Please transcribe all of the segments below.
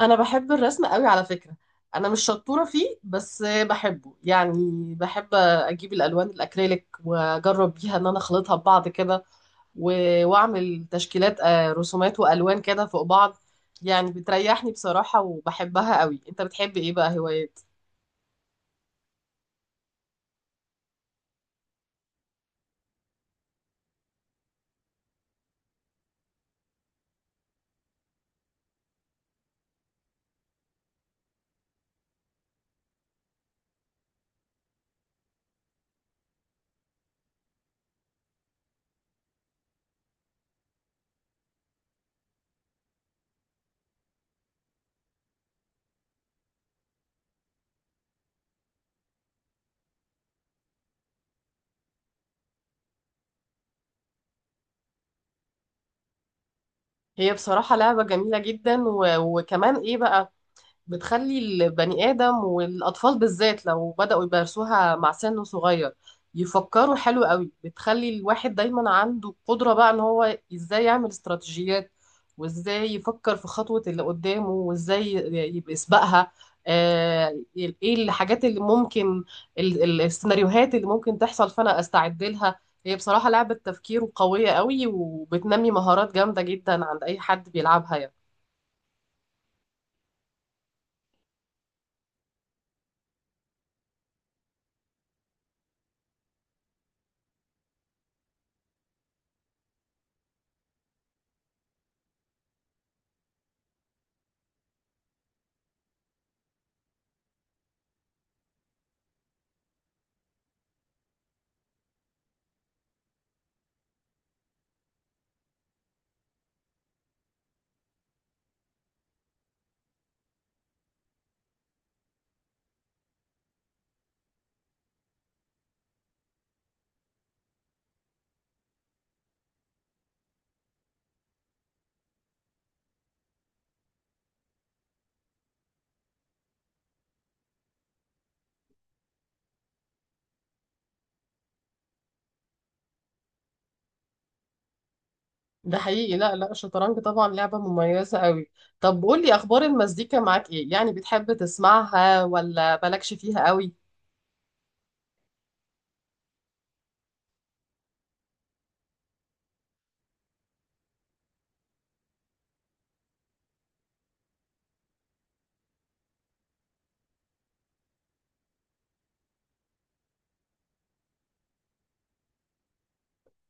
انا بحب الرسم قوي على فكرة. انا مش شطورة فيه بس بحبه يعني. بحب اجيب الالوان الاكريليك واجرب بيها ان انا اخلطها ببعض كده، و- واعمل تشكيلات رسومات والوان كده فوق بعض. يعني بتريحني بصراحة وبحبها قوي. انت بتحب ايه بقى هوايات؟ هي بصراحة لعبة جميلة جدا، وكمان ايه بقى، بتخلي البني آدم والأطفال بالذات لو بدأوا يمارسوها مع سن صغير يفكروا حلو قوي. بتخلي الواحد دايما عنده قدرة بقى ان هو ازاي يعمل استراتيجيات، وازاي يفكر في خطوة اللي قدامه، وازاي يبقى يسبقها. آه، ايه الحاجات اللي ممكن، السيناريوهات اللي ممكن تحصل فانا استعد لها. هي بصراحة لعبة تفكير قوية قوي وبتنمي مهارات جامدة جدا عند اي حد بيلعبها يعني. ده حقيقي. لا لا، الشطرنج طبعا لعبة مميزة قوي. طب قولي أخبار المزيكا معاك إيه؟ يعني بتحب تسمعها ولا مالكش فيها قوي؟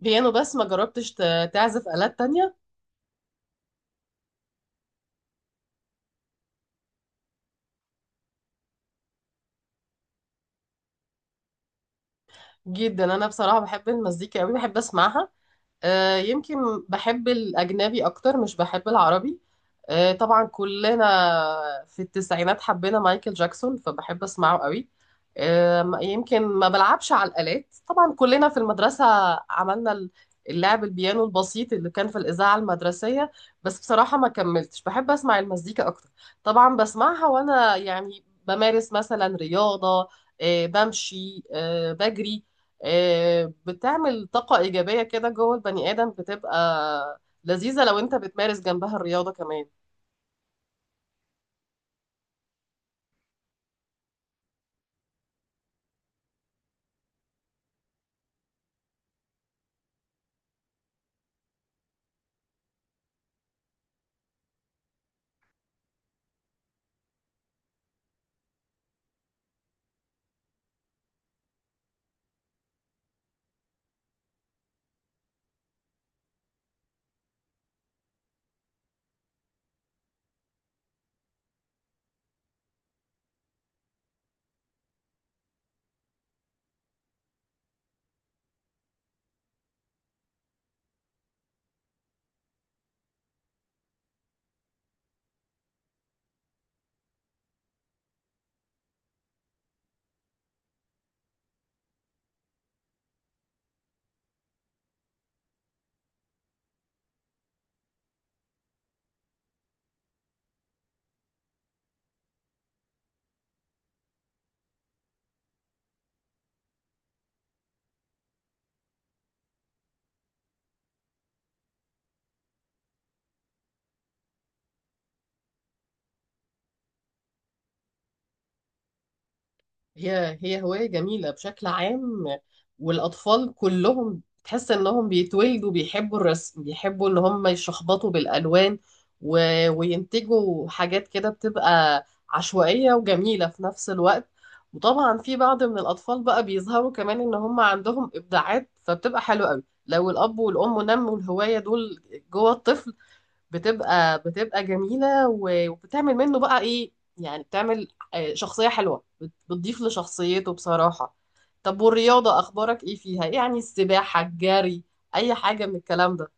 بيانو بس ما جربتش تعزف آلات تانية؟ جدا. أنا بصراحة بحب المزيكا قوي، بحب أسمعها. يمكن بحب الأجنبي أكتر، مش بحب العربي. طبعا كلنا في التسعينات حبينا مايكل جاكسون، فبحب أسمعه قوي. يمكن ما بلعبش على الآلات. طبعا كلنا في المدرسة عملنا اللعب البيانو البسيط اللي كان في الإذاعة المدرسية. بس بصراحة ما كملتش. بحب أسمع المزيكا أكتر. طبعا بسمعها وأنا يعني بمارس مثلا رياضة، بمشي، بجري. بتعمل طاقة إيجابية كده جوه البني آدم، بتبقى لذيذة لو أنت بتمارس جنبها الرياضة كمان. هي هواية جميلة بشكل عام، والأطفال كلهم تحس إنهم بيتولدوا بيحبوا الرسم، بيحبوا إن هم يشخبطوا بالألوان، و... وينتجوا حاجات كده بتبقى عشوائية وجميلة في نفس الوقت. وطبعا في بعض من الأطفال بقى بيظهروا كمان إن هم عندهم إبداعات، فبتبقى حلوة قوي لو الأب والأم نموا الهواية دول جوه الطفل. بتبقى جميلة و- وبتعمل منه بقى ايه، يعني بتعمل شخصية حلوة، بتضيف لشخصيته بصراحة. طب والرياضة اخبارك ايه فيها؟ إيه يعني، السباحة، الجري، اي حاجة من الكلام ده؟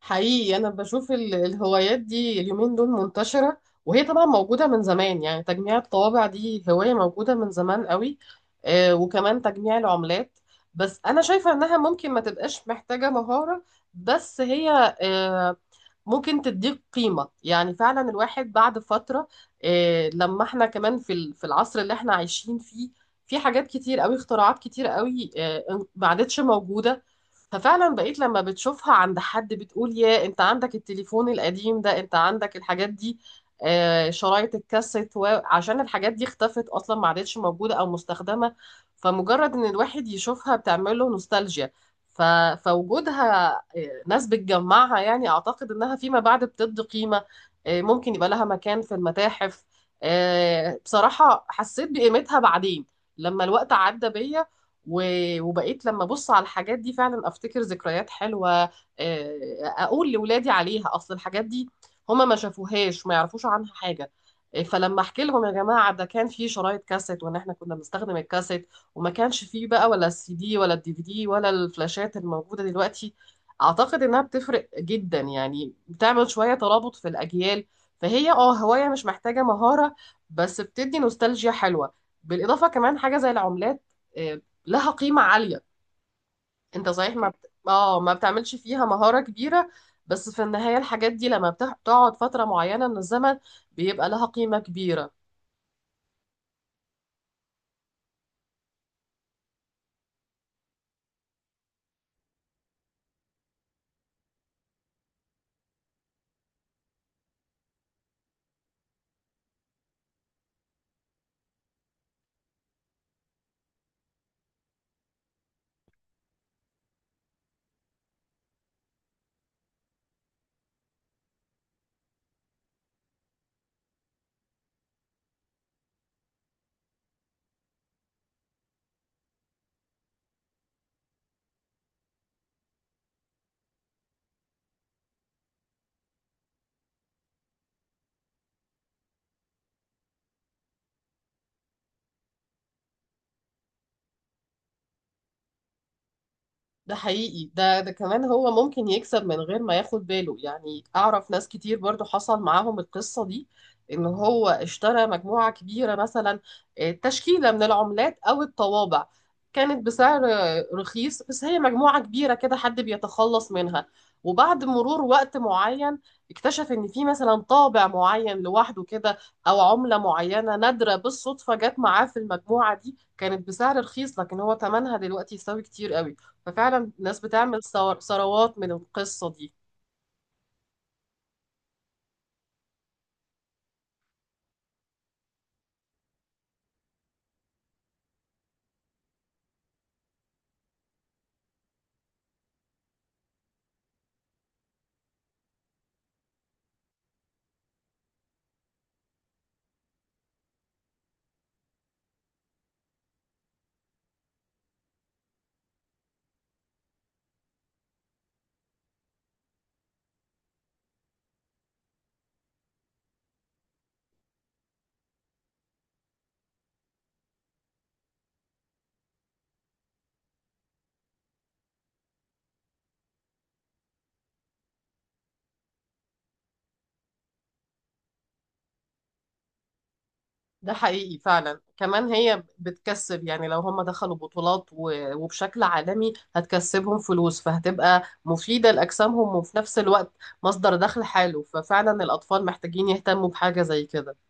حقيقي انا بشوف الهوايات دي اليومين دول منتشره، وهي طبعا موجوده من زمان. يعني تجميع الطوابع دي هوايه موجوده من زمان قوي، وكمان تجميع العملات. بس انا شايفه انها ممكن ما تبقاش محتاجه مهاره، بس هي ممكن تديك قيمه. يعني فعلا الواحد بعد فتره، لما احنا كمان في في العصر اللي احنا عايشين فيه، في حاجات كتير قوي، اختراعات كتير قوي ما عادتش موجوده. ففعلا بقيت لما بتشوفها عند حد بتقول يا انت عندك التليفون القديم ده، انت عندك الحاجات دي، شرايط الكاسيت، عشان الحاجات دي اختفت اصلا، ما عادتش موجوده او مستخدمه. فمجرد ان الواحد يشوفها بتعمل له نوستالجيا. ف... فوجودها، ناس بتجمعها، يعني اعتقد انها فيما بعد بتدي قيمه، ممكن يبقى لها مكان في المتاحف. بصراحه حسيت بقيمتها بعدين لما الوقت عدى بيا، و- وبقيت لما ابص على الحاجات دي فعلا افتكر ذكريات حلوه، اقول لاولادي عليها اصل الحاجات دي هما ما شافوهاش ما يعرفوش عنها حاجه. فلما احكي لهم يا جماعه ده كان في شرايط كاسيت وان احنا كنا بنستخدم الكاسيت وما كانش فيه بقى ولا السي دي ولا الدي في دي ولا الفلاشات الموجوده دلوقتي، اعتقد انها بتفرق جدا، يعني بتعمل شويه ترابط في الاجيال. فهي اه هوايه مش محتاجه مهاره بس بتدي نوستالجيا حلوه. بالاضافه كمان حاجه زي العملات، آه، لها قيمة عالية. انت صحيح ما بت... اه ما بتعملش فيها مهارة كبيرة، بس في النهاية الحاجات دي لما بتقعد فترة معينة من الزمن بيبقى لها قيمة كبيرة. ده حقيقي. ده كمان هو ممكن يكسب من غير ما ياخد باله. يعني اعرف ناس كتير برضو حصل معاهم القصة دي، ان هو اشترى مجموعة كبيرة مثلا، تشكيلة من العملات او الطوابع، كانت بسعر رخيص، بس هي مجموعة كبيرة كده حد بيتخلص منها، وبعد مرور وقت معين اكتشف ان في مثلا طابع معين لوحده كده، او عملة معينة نادرة بالصدفة جت معاه في المجموعة دي كانت بسعر رخيص، لكن هو ثمنها دلوقتي يساوي كتير قوي. ففعلا ناس بتعمل ثروات من القصة دي. ده حقيقي فعلا. كمان هي بتكسب، يعني لو هم دخلوا بطولات وبشكل عالمي هتكسبهم فلوس، فهتبقى مفيدة لأجسامهم وفي نفس الوقت مصدر دخل حلو. ففعلا الأطفال محتاجين يهتموا بحاجة زي كده.